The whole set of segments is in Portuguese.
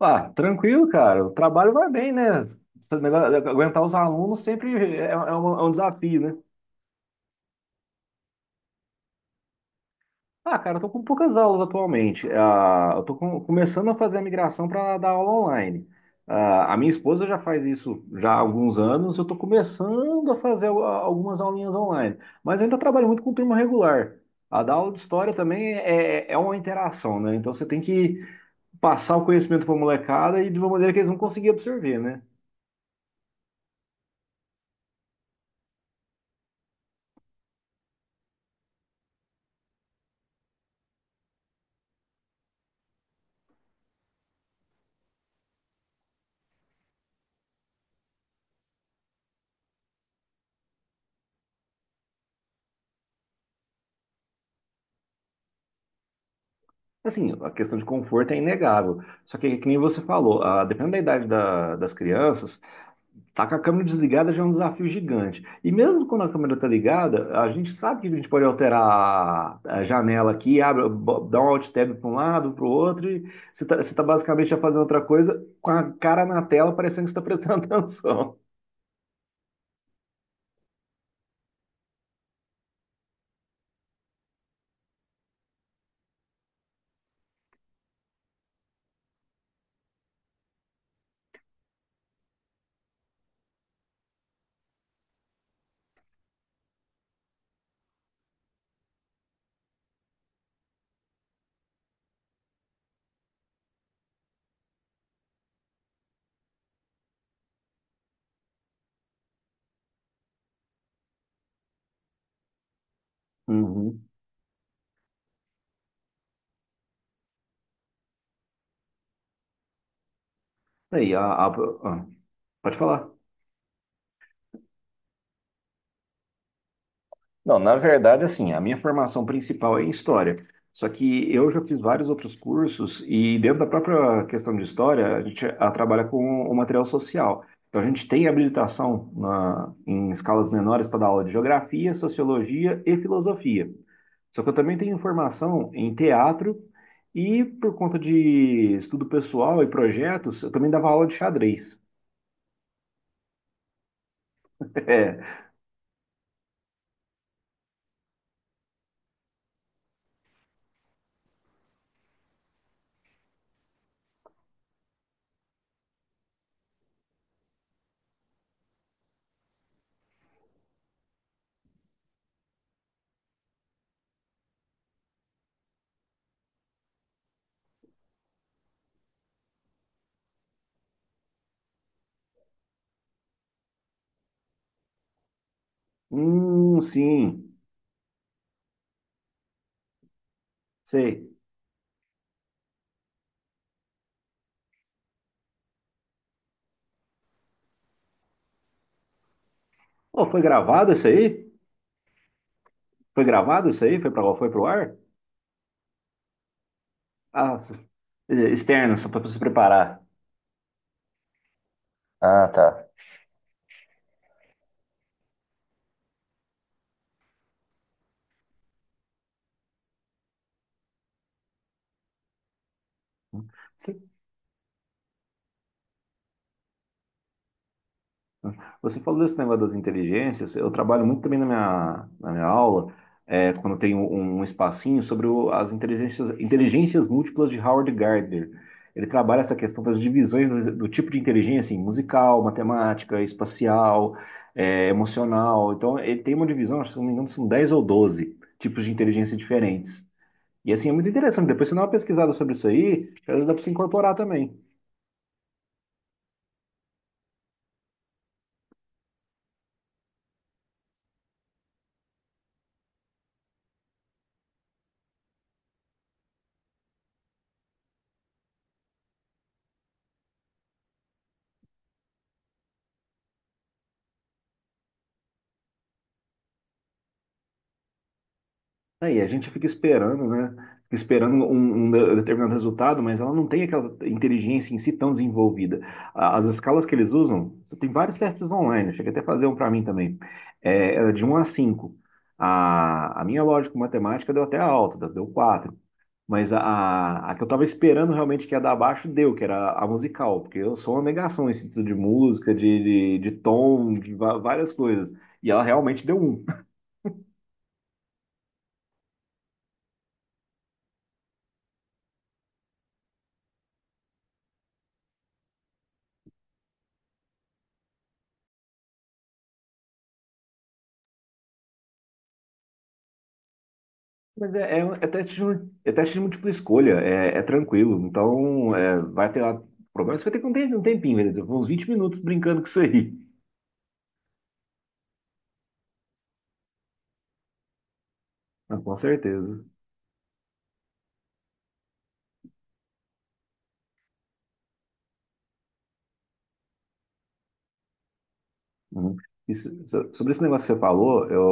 Ah, tranquilo, cara. O trabalho vai bem, né? Esse negócio de aguentar os alunos sempre é um desafio, né? Ah, cara, eu tô com poucas aulas atualmente. Ah, eu tô começando a fazer a migração para dar aula online. Ah, a minha esposa já faz isso já há alguns anos. Eu tô começando a fazer algumas aulinhas online, mas eu ainda trabalho muito com turma regular. A dar aula de história também é uma interação, né? Então você tem que passar o conhecimento para a molecada e de uma maneira que eles vão conseguir absorver, né? Assim, a questão de conforto é inegável. Só que nem você falou, dependendo da idade das crianças, tá com a câmera desligada já é um desafio gigante. E mesmo quando a câmera tá ligada, a gente sabe que a gente pode alterar a janela aqui, abre, dá um alt tab para um lado, para o outro, e você tá basicamente já fazendo outra coisa com a cara na tela, parecendo que você está prestando atenção. Uhum. Aí, a- ah, Pode falar. Não, na verdade, assim, a minha formação principal é em história. Só que eu já fiz vários outros cursos e dentro da própria questão de história, a gente trabalha com o material social. Então a gente tem habilitação em escalas menores para dar aula de geografia, sociologia e filosofia. Só que eu também tenho formação em teatro e por conta de estudo pessoal e projetos, eu também dava aula de xadrez. É. Sim, sei. Pô, foi gravado isso aí? Foi gravado isso aí? Foi pro ar? Ah, s- Externo, só para se preparar. Ah, tá. Você você falou desse negócio das inteligências. Eu trabalho muito também na minha aula, quando eu tenho um espacinho, sobre inteligências múltiplas de Howard Gardner. Ele trabalha essa questão das divisões do tipo de inteligência, assim, musical, matemática, espacial, emocional. Então, ele tem uma divisão, acho que se não me engano, são 10 ou 12 tipos de inteligência diferentes. E assim, é muito interessante. Depois você dá uma pesquisada sobre isso aí, que às dá para se incorporar também. Aí a gente fica esperando, né? Fica esperando um determinado resultado, mas ela não tem aquela inteligência em si tão desenvolvida. As escalas que eles usam, você tem vários testes online, chega até a fazer um para mim também. É de um a cinco. A minha lógica matemática deu até alta, deu quatro. Mas a que eu tava esperando realmente que ia dar baixo, deu, que era a musical, porque eu sou uma negação em sentido de música, de tom, várias coisas. E ela realmente deu um. Mas é teste, é teste de múltipla escolha, é tranquilo. Então, vai ter lá. O problema é que você vai ter que ter um tempinho, beleza? Uns 20 minutos brincando com isso aí. Ah, com certeza. Uhum. Sobre esse negócio que você falou,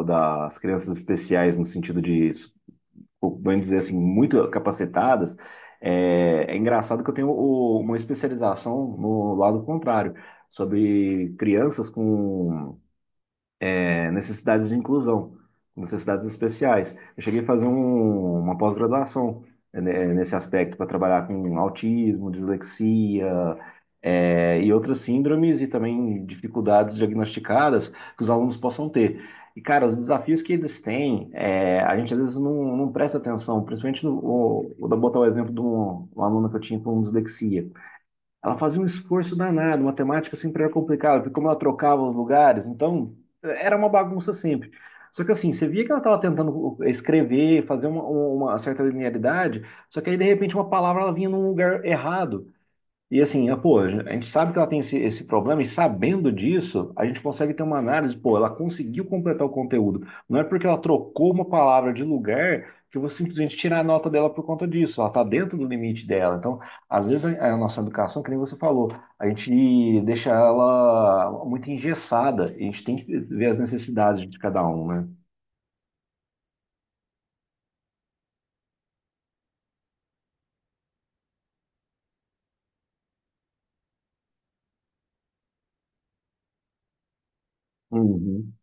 o das crianças especiais no sentido de bem dizer assim, muito capacitadas, é engraçado que eu tenho uma especialização no lado contrário, sobre crianças com necessidades de inclusão, necessidades especiais. Eu cheguei a fazer uma pós-graduação, né, nesse aspecto para trabalhar com autismo, dislexia, e outras síndromes e também dificuldades diagnosticadas que os alunos possam ter. E, cara, os desafios que eles têm, a gente às vezes não presta atenção, principalmente no, o- vou dar- botar o exemplo de um aluno que eu tinha com dislexia. Ela fazia um esforço danado, matemática sempre era complicada, porque como ela trocava os lugares, então era uma bagunça sempre. Só que assim, você via que ela estava tentando escrever, fazer uma certa linearidade, só que aí de repente uma palavra ela vinha num lugar errado. E assim, pô, a gente sabe que ela tem esse problema, e sabendo disso, a gente consegue ter uma análise, pô, ela conseguiu completar o conteúdo. Não é porque ela trocou uma palavra de lugar que eu vou simplesmente tirar a nota dela por conta disso. Ela está dentro do limite dela. Então, às vezes, a nossa educação, que nem você falou, a gente deixa ela muito engessada. A gente tem que ver as necessidades de cada um, né? Uhum,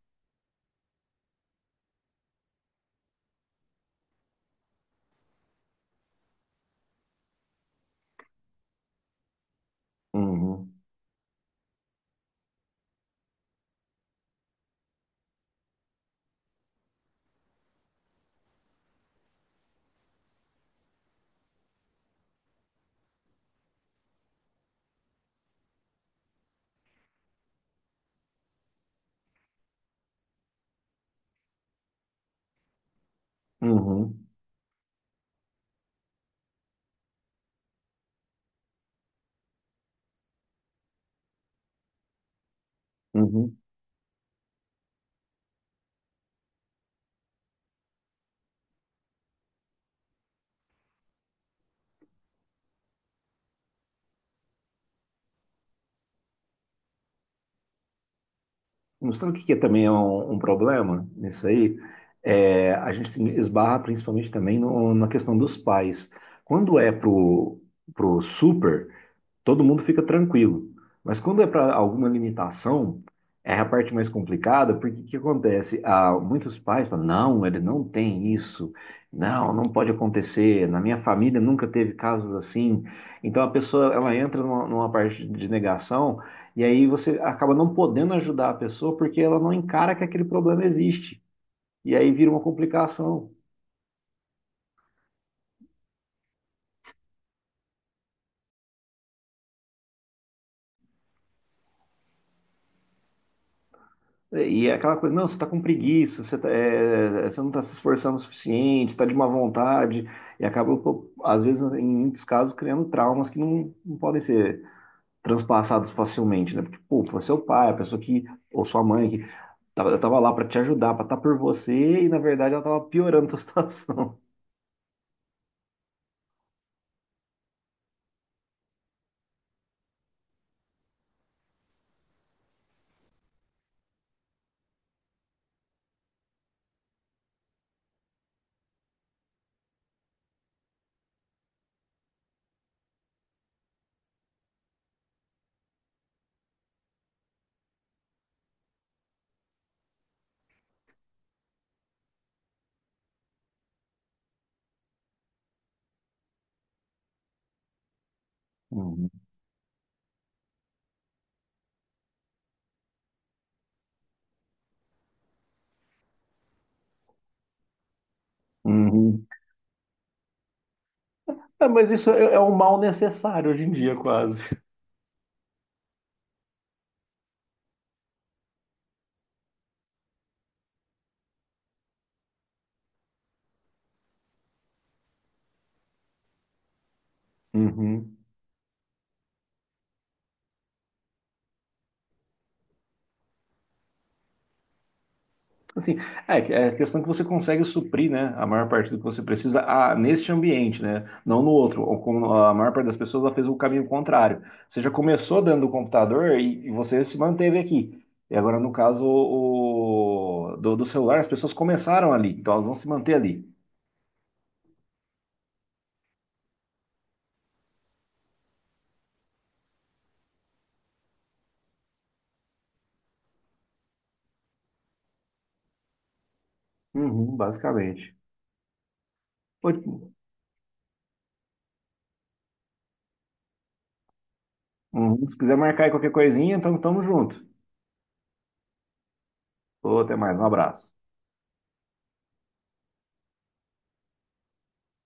uhum, uhum, uhum. Não sabe o que que é também é um problema nisso aí? É, a gente esbarra principalmente também na questão dos pais. Quando é pro super, todo mundo fica tranquilo. Mas quando é para alguma limitação, é a parte mais complicada, porque o que acontece? Ah, muitos pais falam, não, ele não tem isso, não, não pode acontecer, na minha família nunca teve casos assim. Então a pessoa, ela entra numa parte de negação, e aí você acaba não podendo ajudar a pessoa porque ela não encara que aquele problema existe. E aí vira uma complicação. E é aquela coisa, não, você está com preguiça, você não está se esforçando o suficiente, está de má vontade, e acaba, pô, às vezes, em muitos casos, criando traumas que não podem ser transpassados facilmente, né? Porque, pô, foi seu pai, a pessoa que, ou sua mãe, que tava lá para te ajudar, para estar por você, e na verdade ela tava piorando a tua situação. Uhum. Uhum. É, mas isso é um mal necessário hoje em dia, quase. Uhum. Assim, é a questão que você consegue suprir, né, a maior parte do que você precisa neste ambiente, né, não no outro. Ou como a maior parte das pessoas ela fez o caminho contrário. Você já começou dentro do computador e você se manteve aqui. E agora, no caso do celular, as pessoas começaram ali, então elas vão se manter ali. Uhum, basicamente. Pô, uhum, se quiser marcar aí qualquer coisinha, então tamo junto. Ô, até mais, um abraço.